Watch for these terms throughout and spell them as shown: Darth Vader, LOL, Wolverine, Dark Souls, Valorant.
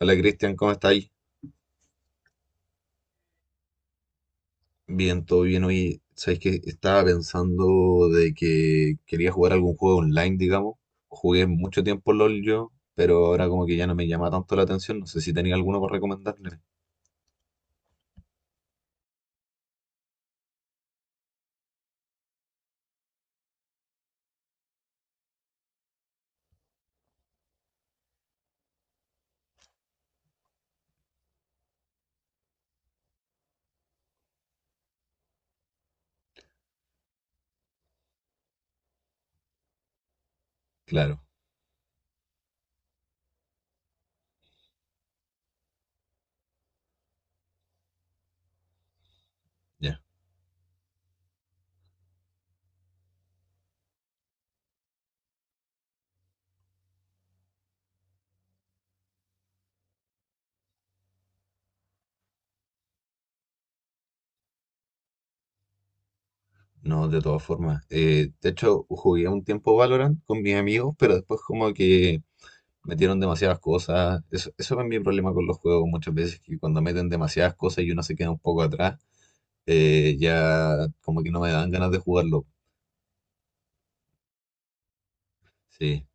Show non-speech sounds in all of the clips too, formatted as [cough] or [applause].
Hola Cristian, ¿cómo estáis? Bien, todo bien. Hoy, sabéis que estaba pensando de que quería jugar algún juego online, digamos. Jugué mucho tiempo LOL yo, pero ahora como que ya no me llama tanto la atención. No sé si tenía alguno para recomendarme. Claro, ya. No, de todas formas. De hecho, jugué un tiempo Valorant con mis amigos, pero después como que metieron demasiadas cosas. Eso es mi problema con los juegos muchas veces, que cuando meten demasiadas cosas y uno se queda un poco atrás, ya como que no me dan ganas de jugarlo. Sí,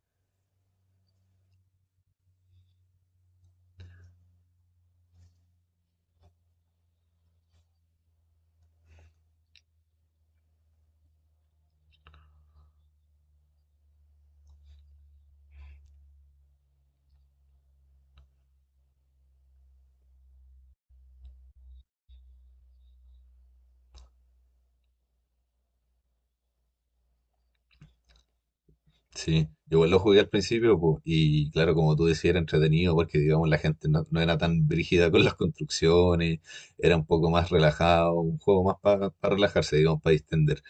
sí. Yo igual lo jugué al principio, po, y claro, como tú decías, era entretenido porque, digamos, la gente no era tan brígida con las construcciones, era un poco más relajado, un juego más para relajarse, digamos, para distender.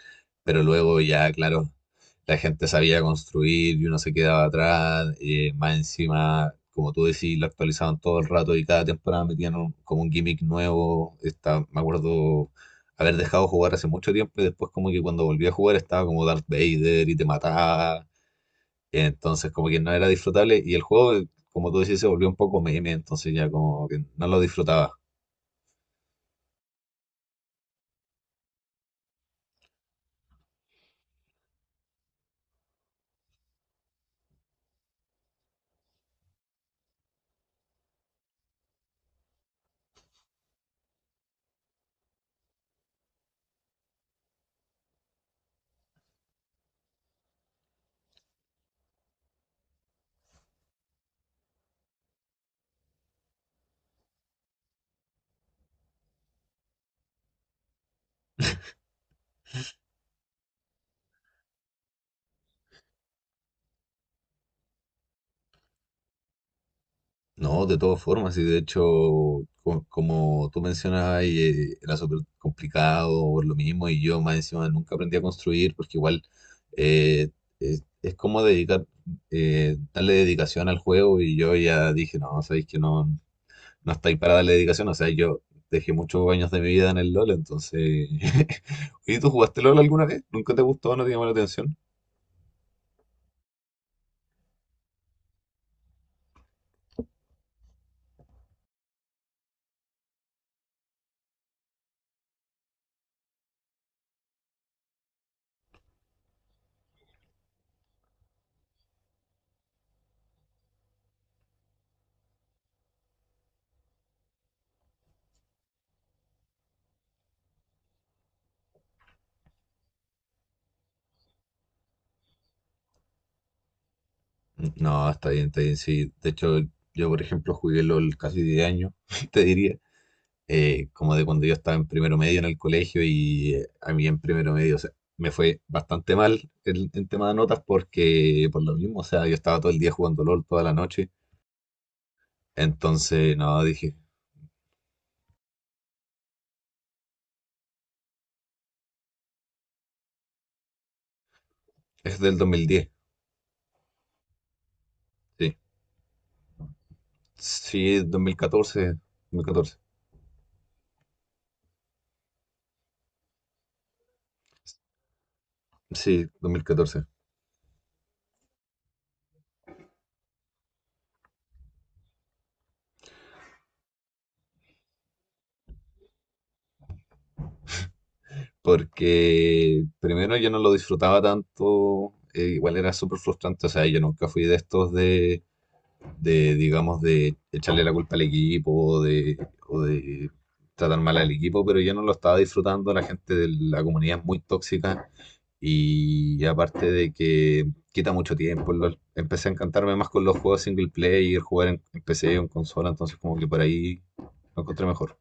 Pero luego ya, claro, la gente sabía construir y uno se quedaba atrás, más encima, como tú decís, lo actualizaban todo el rato y cada temporada metían como un gimmick nuevo. Está, me acuerdo haber dejado jugar hace mucho tiempo y después como que cuando volví a jugar estaba como Darth Vader y te mataba, entonces como que no era disfrutable y el juego, como tú decís, se volvió un poco meme, entonces ya como que no lo disfrutaba. No, de todas formas, y de hecho, como tú mencionabas, ahí, era súper complicado por lo mismo, y yo más encima nunca aprendí a construir, porque igual eh, es como dedicar, darle dedicación al juego, y yo ya dije, no, sabéis que no, no estáis para darle dedicación, o sea, yo dejé muchos años de mi vida en el LOL, entonces. [laughs] ¿Y tú jugaste LOL alguna vez? ¿Nunca te gustó? ¿No te llamó la atención? Mm, no, está bien, sí. De hecho, yo, por ejemplo, jugué LOL casi 10 años, [laughs] te diría. Como de cuando yo estaba en primero medio en el colegio y a mí en primero medio, o sea, me fue bastante mal en tema de notas porque por lo mismo, o sea, yo estaba todo el día jugando LOL toda la noche, entonces, no, dije, es del 2010, sí, sí, 2014, 2014, sí, 2014, porque primero yo no lo disfrutaba tanto, igual era súper frustrante, o sea, yo nunca fui de estos de, digamos, de echarle la culpa al equipo o de tratar mal al equipo, pero yo no lo estaba disfrutando. La gente de la comunidad es muy tóxica y aparte de que quita mucho tiempo, el LOL. Empecé a encantarme más con los juegos single player, jugar en PC o en consola, entonces como que por ahí lo encontré mejor.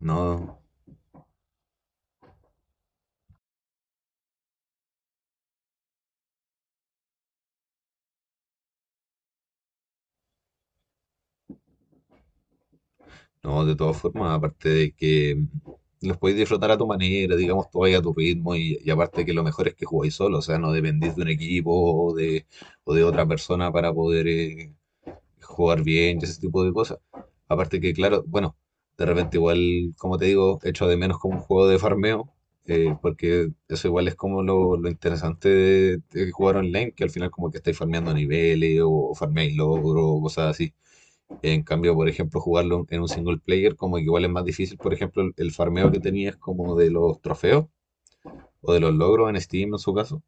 No, no, de todas formas, aparte de que los podéis disfrutar a tu manera, digamos, tú vais a tu ritmo y aparte que lo mejor es que jugáis solo, o sea, no dependís de un equipo o de otra persona para poder jugar bien y ese tipo de cosas. Aparte que, claro, bueno, de repente igual, como te digo, echo de menos como un juego de farmeo, porque eso igual es como lo interesante de jugar online, que al final como que estáis farmeando niveles o farmeáis logros o cosas así. En cambio, por ejemplo, jugarlo en un single player, como que igual es más difícil, por ejemplo, el farmeo que tenías como de los trofeos o de los logros en Steam en su caso.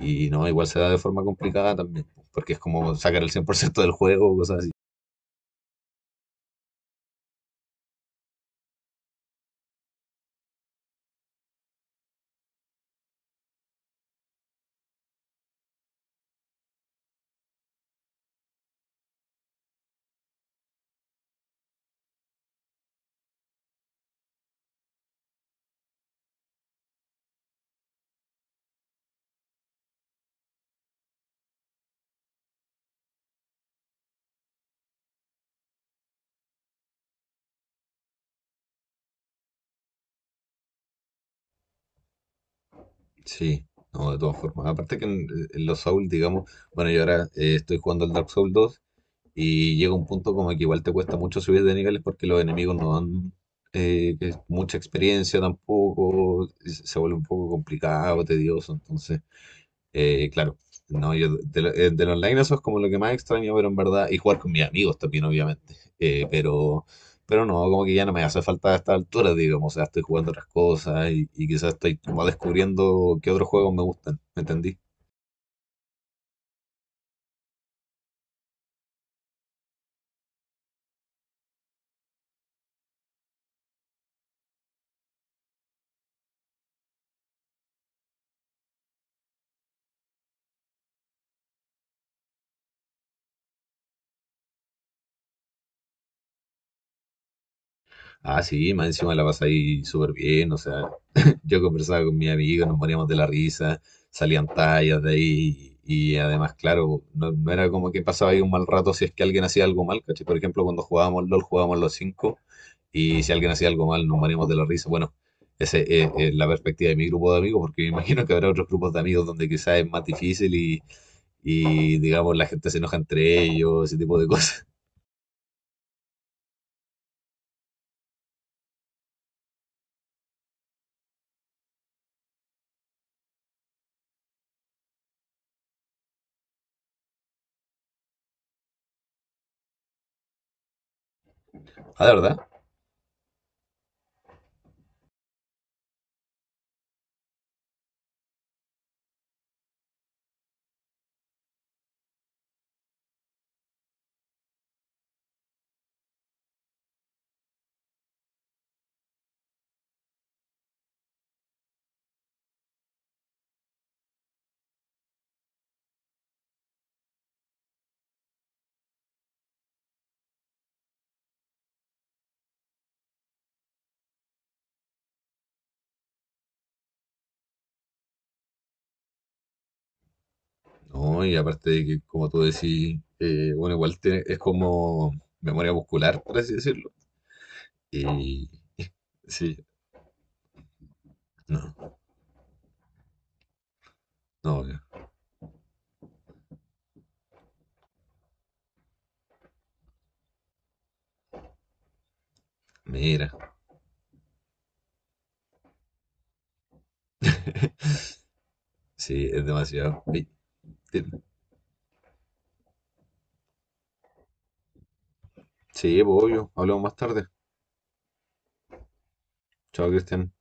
Y no, igual se da de forma complicada también, porque es como sacar el 100% del juego o cosas así. Sí, no, de todas formas. Aparte que en los Souls, digamos, bueno, yo ahora estoy jugando el Dark Souls dos y llega un punto como que igual te cuesta mucho subir de niveles porque los enemigos no dan mucha experiencia tampoco, se vuelve un poco complicado, tedioso, entonces. Claro, no, yo del online eso es como lo que más extraño, pero en verdad, y jugar con mis amigos también, obviamente. Pero no, como que ya no me hace falta a esta altura, digamos, o sea, estoy jugando otras cosas y quizás estoy como descubriendo qué otros juegos me gustan, ¿me entendí? Ah, sí, más encima la ahí súper bien, o sea, [laughs] yo conversaba con mi amigo, nos poníamos de la risa, salían tallas de ahí, y, además, claro, no era como que pasaba ahí un mal rato si es que alguien hacía algo mal, ¿cachai? Por ejemplo, cuando jugábamos LOL, jugábamos los cinco, y si alguien hacía algo mal, nos moríamos de la risa. Bueno, esa es la perspectiva de mi grupo de amigos, porque me imagino que habrá otros grupos de amigos donde quizás es más difícil y, digamos, la gente se enoja entre ellos, ese tipo de cosas. [laughs] Ah, ¿de verdad? No, y aparte de que, como tú decís, bueno, igual es como memoria muscular, por así decirlo. Y sí, no, no, mira, sí, es demasiado. Te- Sí, pues, obvio, hablamos más tarde. Chao, Cristian.